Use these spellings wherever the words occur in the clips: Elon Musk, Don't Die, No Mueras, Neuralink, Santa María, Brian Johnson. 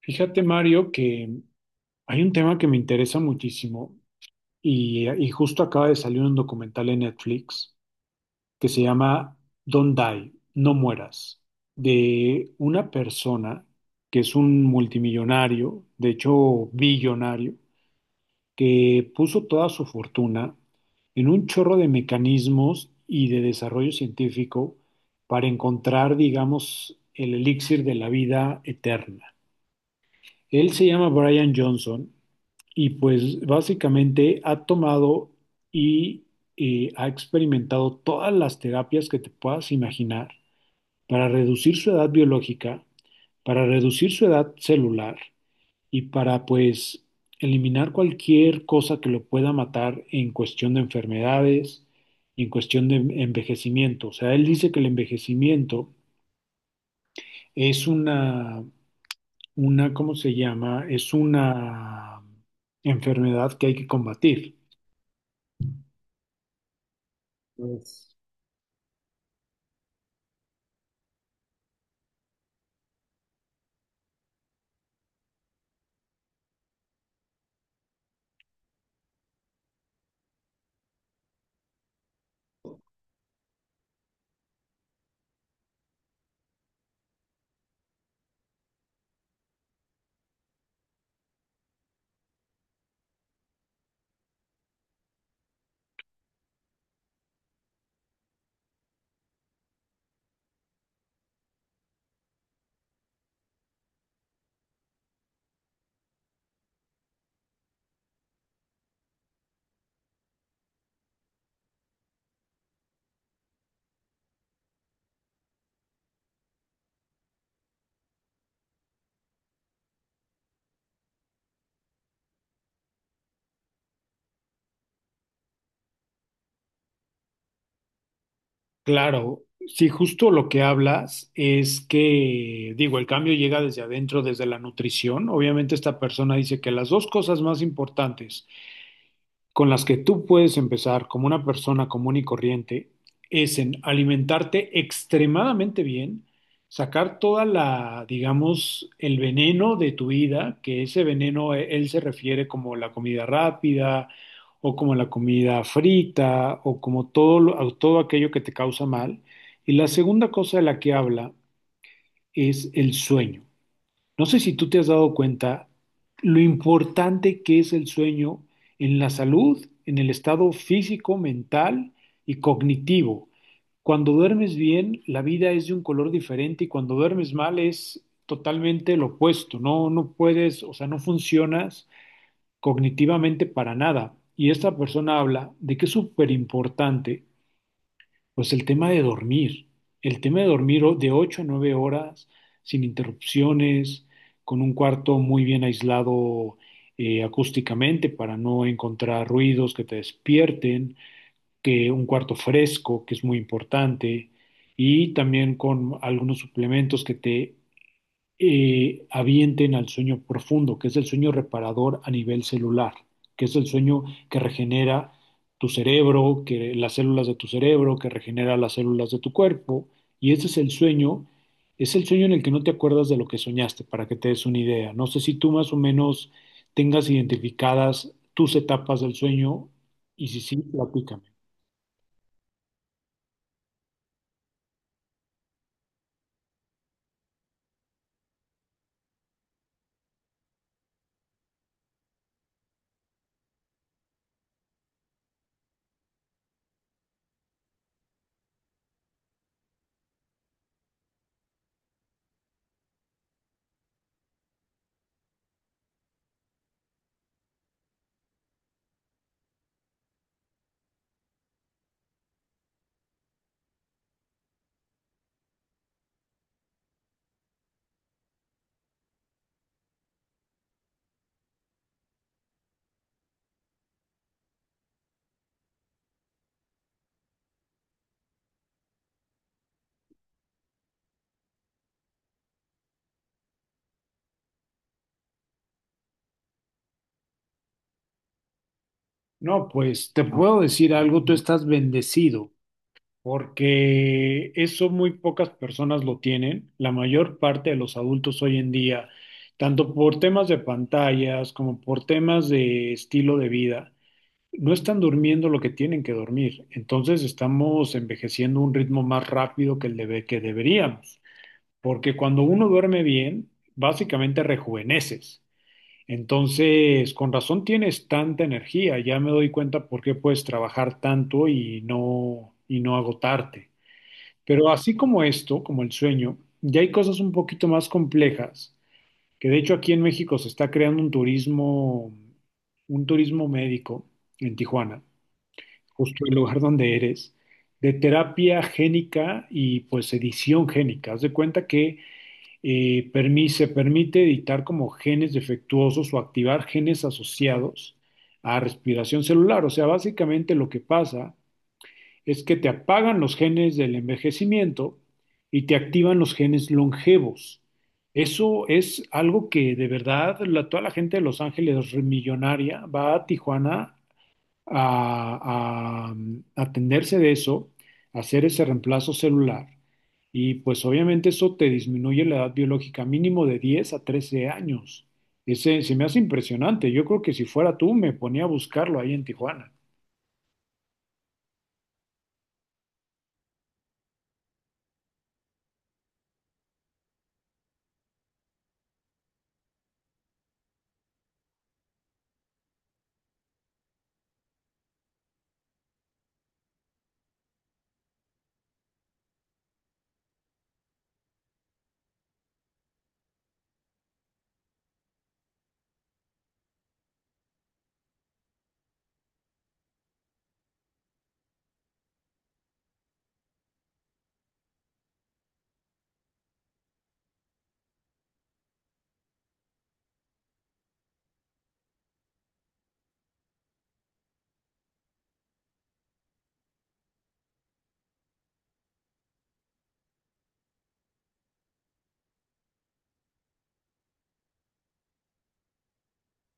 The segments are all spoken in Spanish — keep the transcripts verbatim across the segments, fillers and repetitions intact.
Fíjate, Mario, que hay un tema que me interesa muchísimo y, y justo acaba de salir un documental en Netflix que se llama Don't Die, No Mueras, de una persona que es un multimillonario, de hecho billonario, que puso toda su fortuna en un chorro de mecanismos y de desarrollo científico para encontrar, digamos, el elixir de la vida eterna. Él se llama Brian Johnson y pues básicamente ha tomado y eh, ha experimentado todas las terapias que te puedas imaginar para reducir su edad biológica, para reducir su edad celular y para pues eliminar cualquier cosa que lo pueda matar en cuestión de enfermedades y en cuestión de envejecimiento. O sea, él dice que el envejecimiento es una una, ¿cómo se llama? Es una enfermedad que hay que combatir. Pues, claro, sí, justo lo que hablas es que, digo, el cambio llega desde adentro, desde la nutrición. Obviamente esta persona dice que las dos cosas más importantes con las que tú puedes empezar como una persona común y corriente es en alimentarte extremadamente bien, sacar toda la, digamos, el veneno de tu vida, que ese veneno eh, él se refiere como la comida rápida o como la comida frita o como todo, lo- a- todo aquello que te causa mal. Y la segunda cosa de la que habla es el sueño. No sé si tú te has dado cuenta lo importante que es el sueño en la salud, en el estado físico, mental y cognitivo. Cuando duermes bien, la vida es de un color diferente y cuando duermes mal es totalmente lo opuesto. No, no puedes, o sea, no funcionas cognitivamente para nada. Y esta persona habla de que es súper importante pues el tema de dormir, el tema de dormir o- de ocho a nueve horas sin interrupciones, con un cuarto muy bien aislado eh, acústicamente para no encontrar ruidos que te despierten, que un cuarto fresco, que es muy importante, y también con algunos suplementos que te eh, avienten al sueño profundo, que es el sueño reparador a nivel celular, que es el sueño que regenera tu cerebro, que las células de tu cerebro, que regenera las células de tu cuerpo, y ese es el sueño, es el sueño en el que no te acuerdas de lo que soñaste, para que te des una idea. No sé si tú más o menos tengas identificadas tus etapas del sueño, y si sí, platícame. No, pues te puedo decir algo, tú estás bendecido, porque eso muy pocas personas lo tienen. La mayor parte de los adultos hoy en día, tanto por temas de pantallas como por temas de estilo de vida, no están durmiendo lo que tienen que dormir. Entonces estamos envejeciendo a un ritmo más rápido que el debe- que deberíamos, porque cuando uno duerme bien, básicamente rejuveneces. Entonces, con razón tienes tanta energía, ya me doy cuenta por qué puedes trabajar tanto y no y no agotarte. Pero así como esto, como el sueño, ya hay cosas un poquito más complejas, que de hecho aquí en México se está creando un turismo, un turismo médico en Tijuana, justo el lugar donde eres, de terapia génica y pues edición génica. Haz de cuenta que eh, permi- se permite editar como genes defectuosos o activar genes asociados a respiración celular. O sea, básicamente lo que pasa es que te apagan los genes del envejecimiento y te activan los genes longevos. Eso es algo que de verdad la- toda la gente de Los Ángeles re- millonaria va a Tijuana a, a- a atenderse de eso, a hacer ese reemplazo celular. Y pues obviamente eso te disminuye la edad biológica mínimo de diez a trece años. Ese se me hace impresionante. Yo creo que si fuera tú me ponía a buscarlo ahí en Tijuana.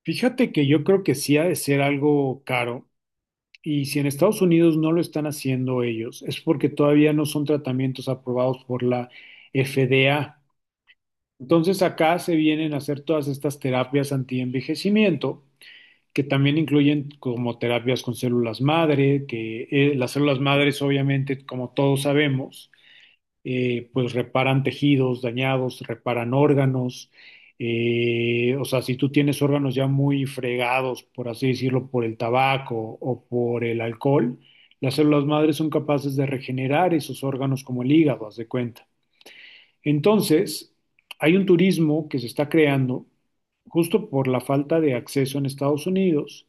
Fíjate que yo creo que sí ha de ser algo caro y si en Estados Unidos no lo están haciendo ellos, es porque todavía no son tratamientos aprobados por la F D A. Entonces acá se vienen a hacer todas estas terapias antienvejecimiento que también incluyen como terapias con células madre, que eh, las células madres obviamente, como todos sabemos, eh, pues reparan tejidos dañados, reparan órganos. eh, o sea, si tú tienes órganos ya muy fregados, por así decirlo, por el tabaco o por el alcohol, las células madres son capaces de regenerar esos órganos como el hígado, haz de cuenta. Entonces, hay un turismo que se está creando justo por la falta de acceso en Estados Unidos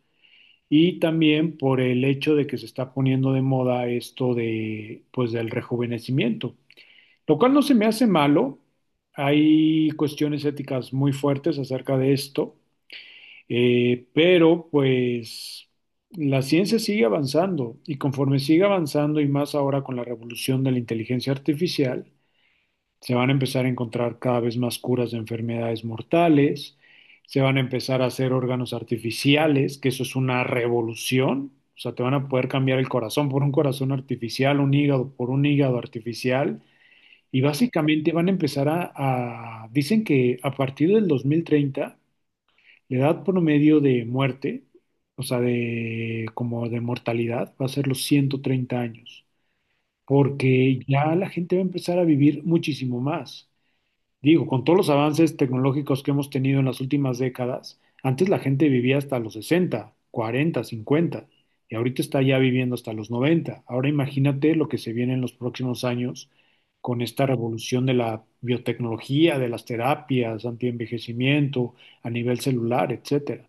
y también por el hecho de que se está poniendo de moda esto de, pues, del rejuvenecimiento. Lo cual no se me hace malo. Hay cuestiones éticas muy fuertes acerca de esto, eh, pero pues la ciencia sigue avanzando y conforme sigue avanzando y más ahora con la revolución de la inteligencia artificial, se van a empezar a encontrar cada vez más curas de enfermedades mortales, se van a empezar a hacer órganos artificiales, que eso es una revolución. O sea, te van a poder cambiar el corazón por un corazón artificial, un hígado por un hígado artificial. Y básicamente van a empezar a, a- dicen que a partir del dos mil treinta la edad promedio de muerte, o sea, de como de mortalidad, va a ser los ciento treinta años, porque ya la gente va a empezar a vivir muchísimo más. Digo, con todos los avances tecnológicos que hemos tenido en las últimas décadas, antes la gente vivía hasta los sesenta, cuarenta, cincuenta, y ahorita está ya viviendo hasta los noventa. Ahora imagínate lo que se viene en los próximos años con esta revolución de la biotecnología, de las terapias, antienvejecimiento, a nivel celular, etcétera.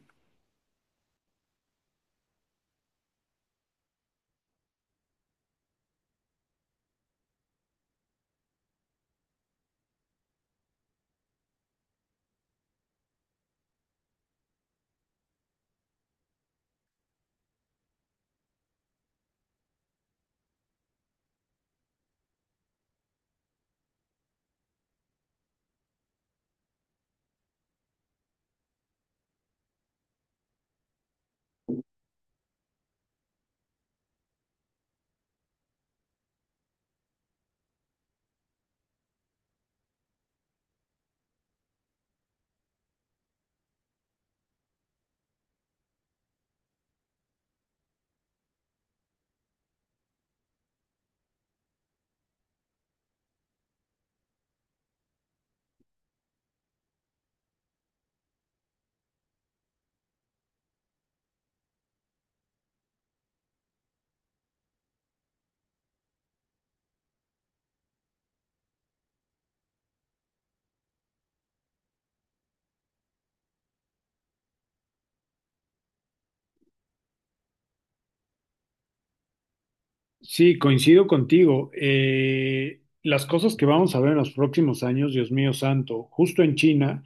Sí, coincido contigo. Eh, las cosas que vamos a ver en los próximos años, Dios mío santo, justo en China,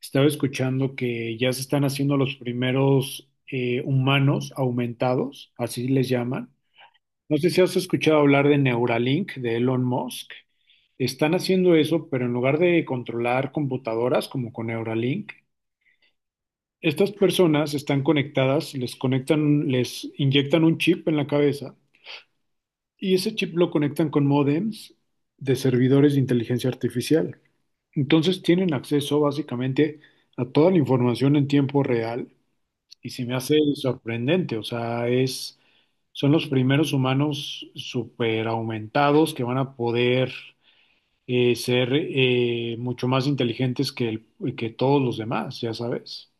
estaba escuchando que ya se están haciendo los primeros eh, humanos aumentados, así les llaman. No sé si has escuchado hablar de Neuralink, de Elon Musk. Están haciendo eso, pero en lugar de controlar computadoras como con Neuralink, estas personas están conectadas, les conectan, les inyectan un chip en la cabeza y ese chip lo conectan con modems de servidores de inteligencia artificial. Entonces tienen acceso básicamente a toda la información en tiempo real y se me hace sorprendente, o sea, es, son los primeros humanos super aumentados que van a poder eh, ser eh, mucho más inteligentes que, el- que todos los demás, ya sabes.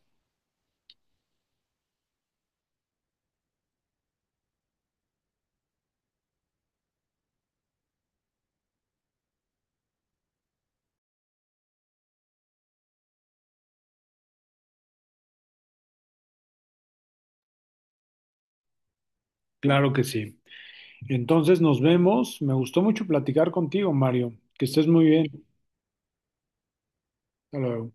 Claro que sí. Entonces nos vemos. Me gustó mucho platicar contigo, Mario. Que estés muy bien. Hasta luego.